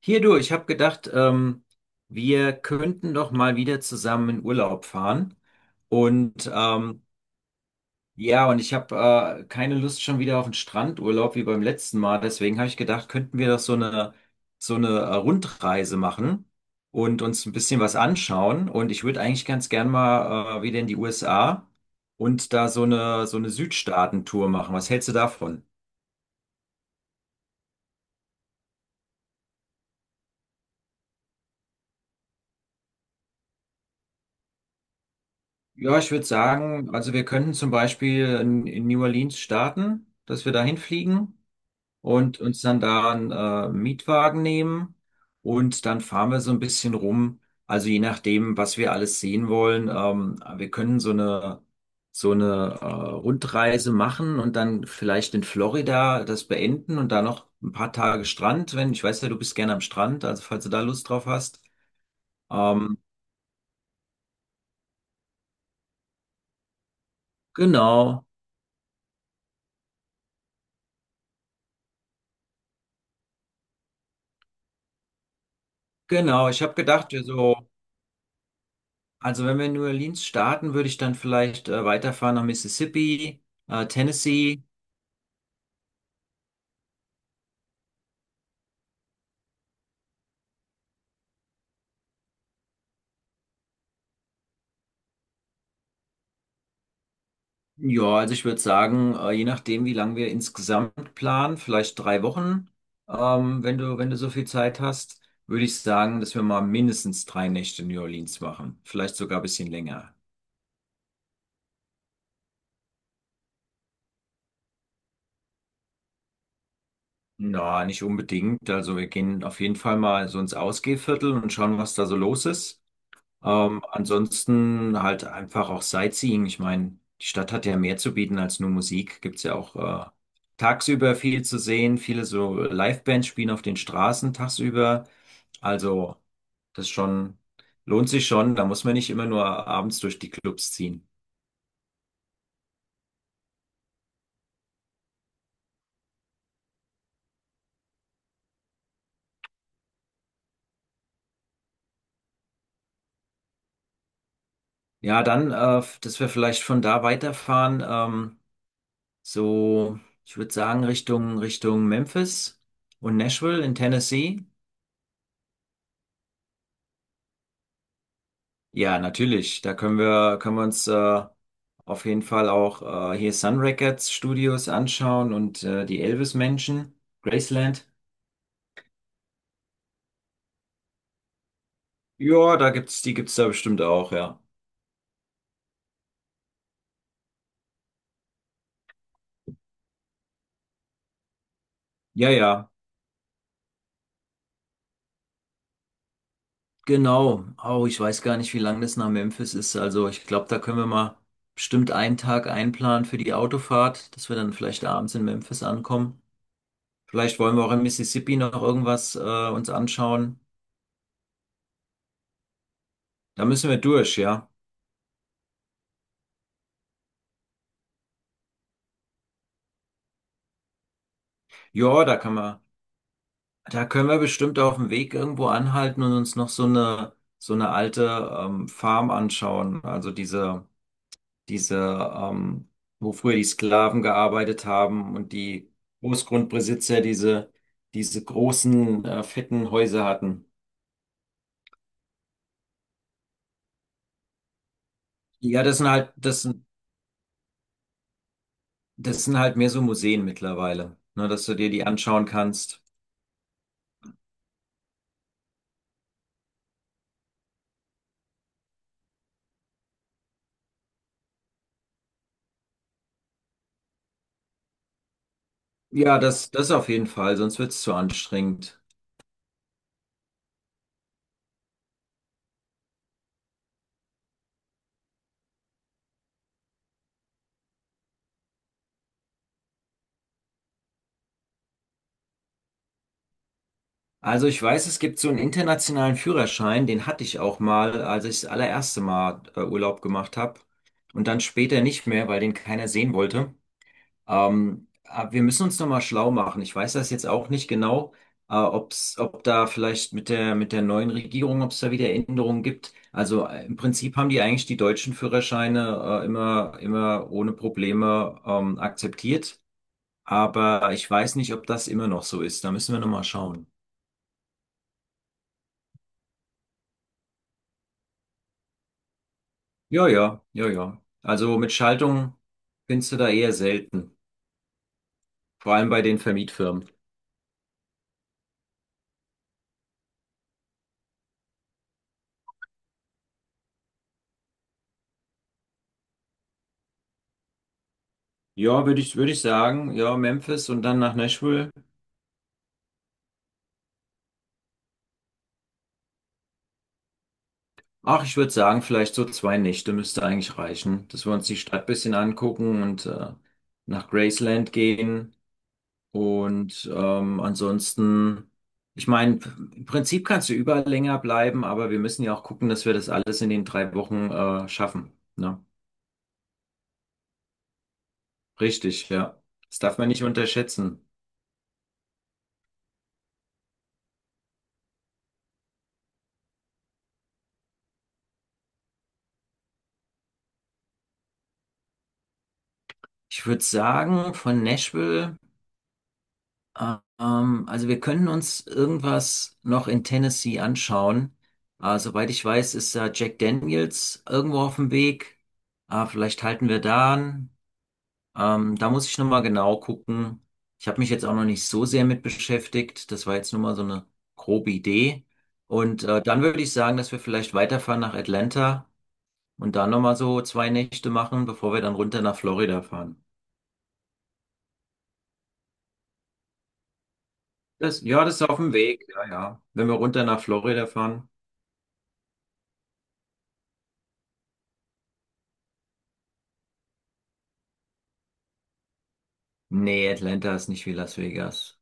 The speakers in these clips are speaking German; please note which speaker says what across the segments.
Speaker 1: Hier du, ich habe gedacht, wir könnten doch mal wieder zusammen in Urlaub fahren. Und ja, und ich habe keine Lust schon wieder auf einen Strandurlaub wie beim letzten Mal. Deswegen habe ich gedacht, könnten wir doch so eine Rundreise machen und uns ein bisschen was anschauen. Und ich würde eigentlich ganz gern mal wieder in die USA und da so eine Südstaaten-Tour machen. Was hältst du davon? Ja, ich würde sagen, also wir könnten zum Beispiel in New Orleans starten, dass wir da hinfliegen und uns dann da einen Mietwagen nehmen und dann fahren wir so ein bisschen rum. Also je nachdem, was wir alles sehen wollen, wir können so eine Rundreise machen und dann vielleicht in Florida das beenden und da noch ein paar Tage Strand, wenn ich weiß ja, du bist gerne am Strand, also falls du da Lust drauf hast. Ähm, genau, genau. Ich habe gedacht, wir so. Also wenn wir in New Orleans starten, würde ich dann vielleicht weiterfahren nach Mississippi, Tennessee. Ja, also ich würde sagen, je nachdem, wie lange wir insgesamt planen, vielleicht 3 Wochen, wenn du so viel Zeit hast, würde ich sagen, dass wir mal mindestens 3 Nächte in New Orleans machen. Vielleicht sogar ein bisschen länger. Na, nicht unbedingt. Also wir gehen auf jeden Fall mal so ins Ausgehviertel und schauen, was da so los ist. Ansonsten halt einfach auch Sightseeing. Ich meine, die Stadt hat ja mehr zu bieten als nur Musik. Gibt's ja auch äh, tagsüber viel zu sehen. Viele so Livebands spielen auf den Straßen tagsüber. Also das schon lohnt sich schon. Da muss man nicht immer nur abends durch die Clubs ziehen. Ja, dann, dass wir vielleicht von da weiterfahren, so, ich würde sagen, Richtung Memphis und Nashville in Tennessee. Ja, natürlich. Da können wir uns auf jeden Fall auch hier Sun Records Studios anschauen und die Elvis Mansion, Graceland. Ja, da gibt's, die gibt's da bestimmt auch, ja. Ja, ja, genau. Oh, ich weiß gar nicht, wie lang das nach Memphis ist. Also ich glaube, da können wir mal bestimmt einen Tag einplanen für die Autofahrt, dass wir dann vielleicht abends in Memphis ankommen. Vielleicht wollen wir auch in Mississippi noch irgendwas uns anschauen. Da müssen wir durch, ja. Ja, da kann man. Da können wir bestimmt auf dem Weg irgendwo anhalten und uns noch so eine alte Farm anschauen. Also diese, ähm, wo früher die Sklaven gearbeitet haben und die Großgrundbesitzer diese großen, fetten Häuser hatten. Ja, das sind halt mehr so Museen mittlerweile, ne, dass du dir die anschauen kannst. Ja, das auf jeden Fall, sonst wird's zu anstrengend. Also ich weiß, es gibt so einen internationalen Führerschein, den hatte ich auch mal, als ich das allererste Mal Urlaub gemacht habe und dann später nicht mehr, weil den keiner sehen wollte. Aber wir müssen uns nochmal schlau machen. Ich weiß das jetzt auch nicht genau, ob da vielleicht mit der neuen Regierung, ob es da wieder Änderungen gibt. Also im Prinzip haben die eigentlich die deutschen Führerscheine immer ohne Probleme akzeptiert. Aber ich weiß nicht, ob das immer noch so ist. Da müssen wir nochmal schauen. Ja, ja, ja, ja. Also mit Schaltung findest du da eher selten. Vor allem bei den Vermietfirmen. Ja, würde ich sagen, ja, Memphis und dann nach Nashville. Ach, ich würde sagen, vielleicht so 2 Nächte müsste eigentlich reichen, dass wir uns die Stadt bisschen angucken und nach Graceland gehen. Und ansonsten, ich meine, im Prinzip kannst du überall länger bleiben, aber wir müssen ja auch gucken, dass wir das alles in den 3 Wochen schaffen. Ne? Richtig, ja. Das darf man nicht unterschätzen. Ich würde sagen, von Nashville, also wir können uns irgendwas noch in Tennessee anschauen. Soweit ich weiß, ist da Jack Daniels irgendwo auf dem Weg. Vielleicht halten wir da an. Da muss ich nochmal genau gucken. Ich habe mich jetzt auch noch nicht so sehr mit beschäftigt. Das war jetzt nur mal so eine grobe Idee. Und dann würde ich sagen, dass wir vielleicht weiterfahren nach Atlanta und da nochmal so 2 Nächte machen, bevor wir dann runter nach Florida fahren. Das, ja, das ist auf dem Weg, ja, ja. Wenn wir runter nach Florida fahren. Nee, Atlanta ist nicht wie Las Vegas.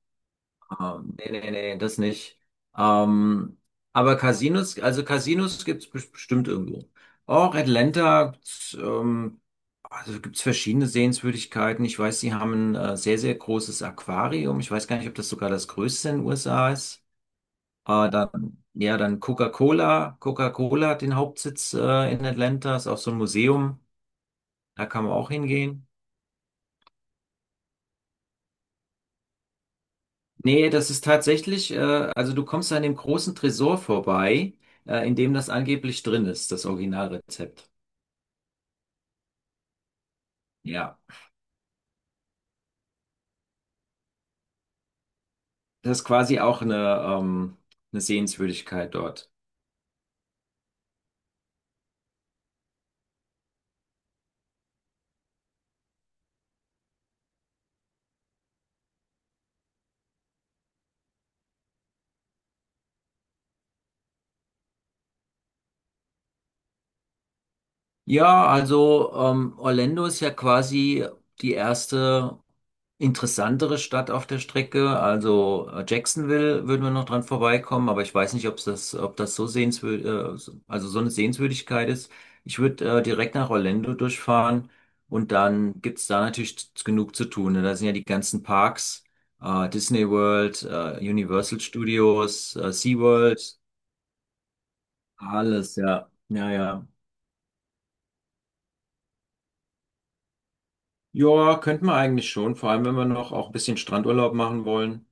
Speaker 1: Nee, nee, nee, das nicht. Ähm, aber Casinos, also Casinos gibt's bestimmt irgendwo. Auch Atlanta, ähm, also gibt's verschiedene Sehenswürdigkeiten. Ich weiß, sie haben ein sehr, sehr großes Aquarium. Ich weiß gar nicht, ob das sogar das größte in den USA ist. Dann, ja, dann Coca-Cola. Coca-Cola hat den Hauptsitz in Atlanta, ist auch so ein Museum. Da kann man auch hingehen. Nee, das ist tatsächlich, also du kommst an dem großen Tresor vorbei, in dem das angeblich drin ist, das Originalrezept. Ja, das ist quasi auch ähm, eine Sehenswürdigkeit dort. Ja, also Orlando ist ja quasi die erste interessantere Stadt auf der Strecke. Also Jacksonville würden wir noch dran vorbeikommen, aber ich weiß nicht, ob das so sehenswürdig, also so eine Sehenswürdigkeit ist. Ich würde direkt nach Orlando durchfahren und dann gibt's da natürlich genug zu tun. Ne? Da sind ja die ganzen Parks, Disney World, Universal Studios, SeaWorld, alles, ja. Ja, ja. Ja, könnten wir eigentlich schon, vor allem wenn wir noch auch ein bisschen Strandurlaub machen wollen.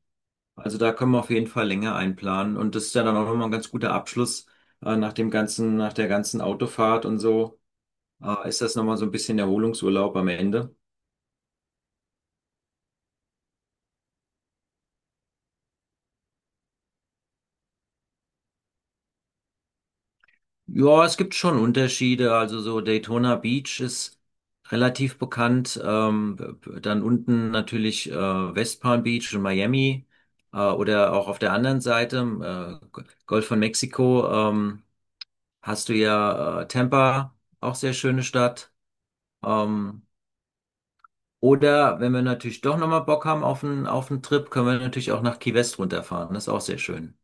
Speaker 1: Also da können wir auf jeden Fall länger einplanen. Und das ist ja dann auch nochmal ein ganz guter Abschluss, nach dem ganzen, nach der ganzen Autofahrt und so. Ist das nochmal so ein bisschen Erholungsurlaub am Ende? Ja, es gibt schon Unterschiede. Also so Daytona Beach ist relativ bekannt. Dann unten natürlich West Palm Beach und Miami. Oder auch auf der anderen Seite, Golf von Mexiko, hast du ja Tampa, auch sehr schöne Stadt. Ähm, Oder wenn wir natürlich doch nochmal Bock haben auf einen Trip, können wir natürlich auch nach Key West runterfahren. Das ist auch sehr schön.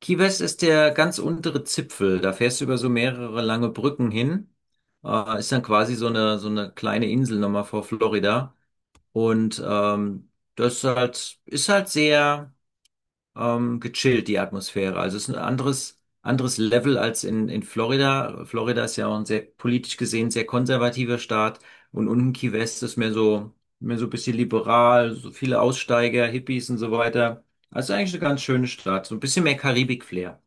Speaker 1: Key West ist der ganz untere Zipfel. Da fährst du über so mehrere lange Brücken hin. Ist dann quasi so eine kleine Insel nochmal vor Florida. Und das ist halt sehr, gechillt, die Atmosphäre. Also es ist ein anderes Level als in Florida. Florida ist ja auch ein sehr politisch gesehen sehr konservativer Staat und unten Key West ist mehr so ein bisschen liberal, so viele Aussteiger, Hippies und so weiter. Also eigentlich eine ganz schöne Stadt, so ein bisschen mehr Karibik-Flair.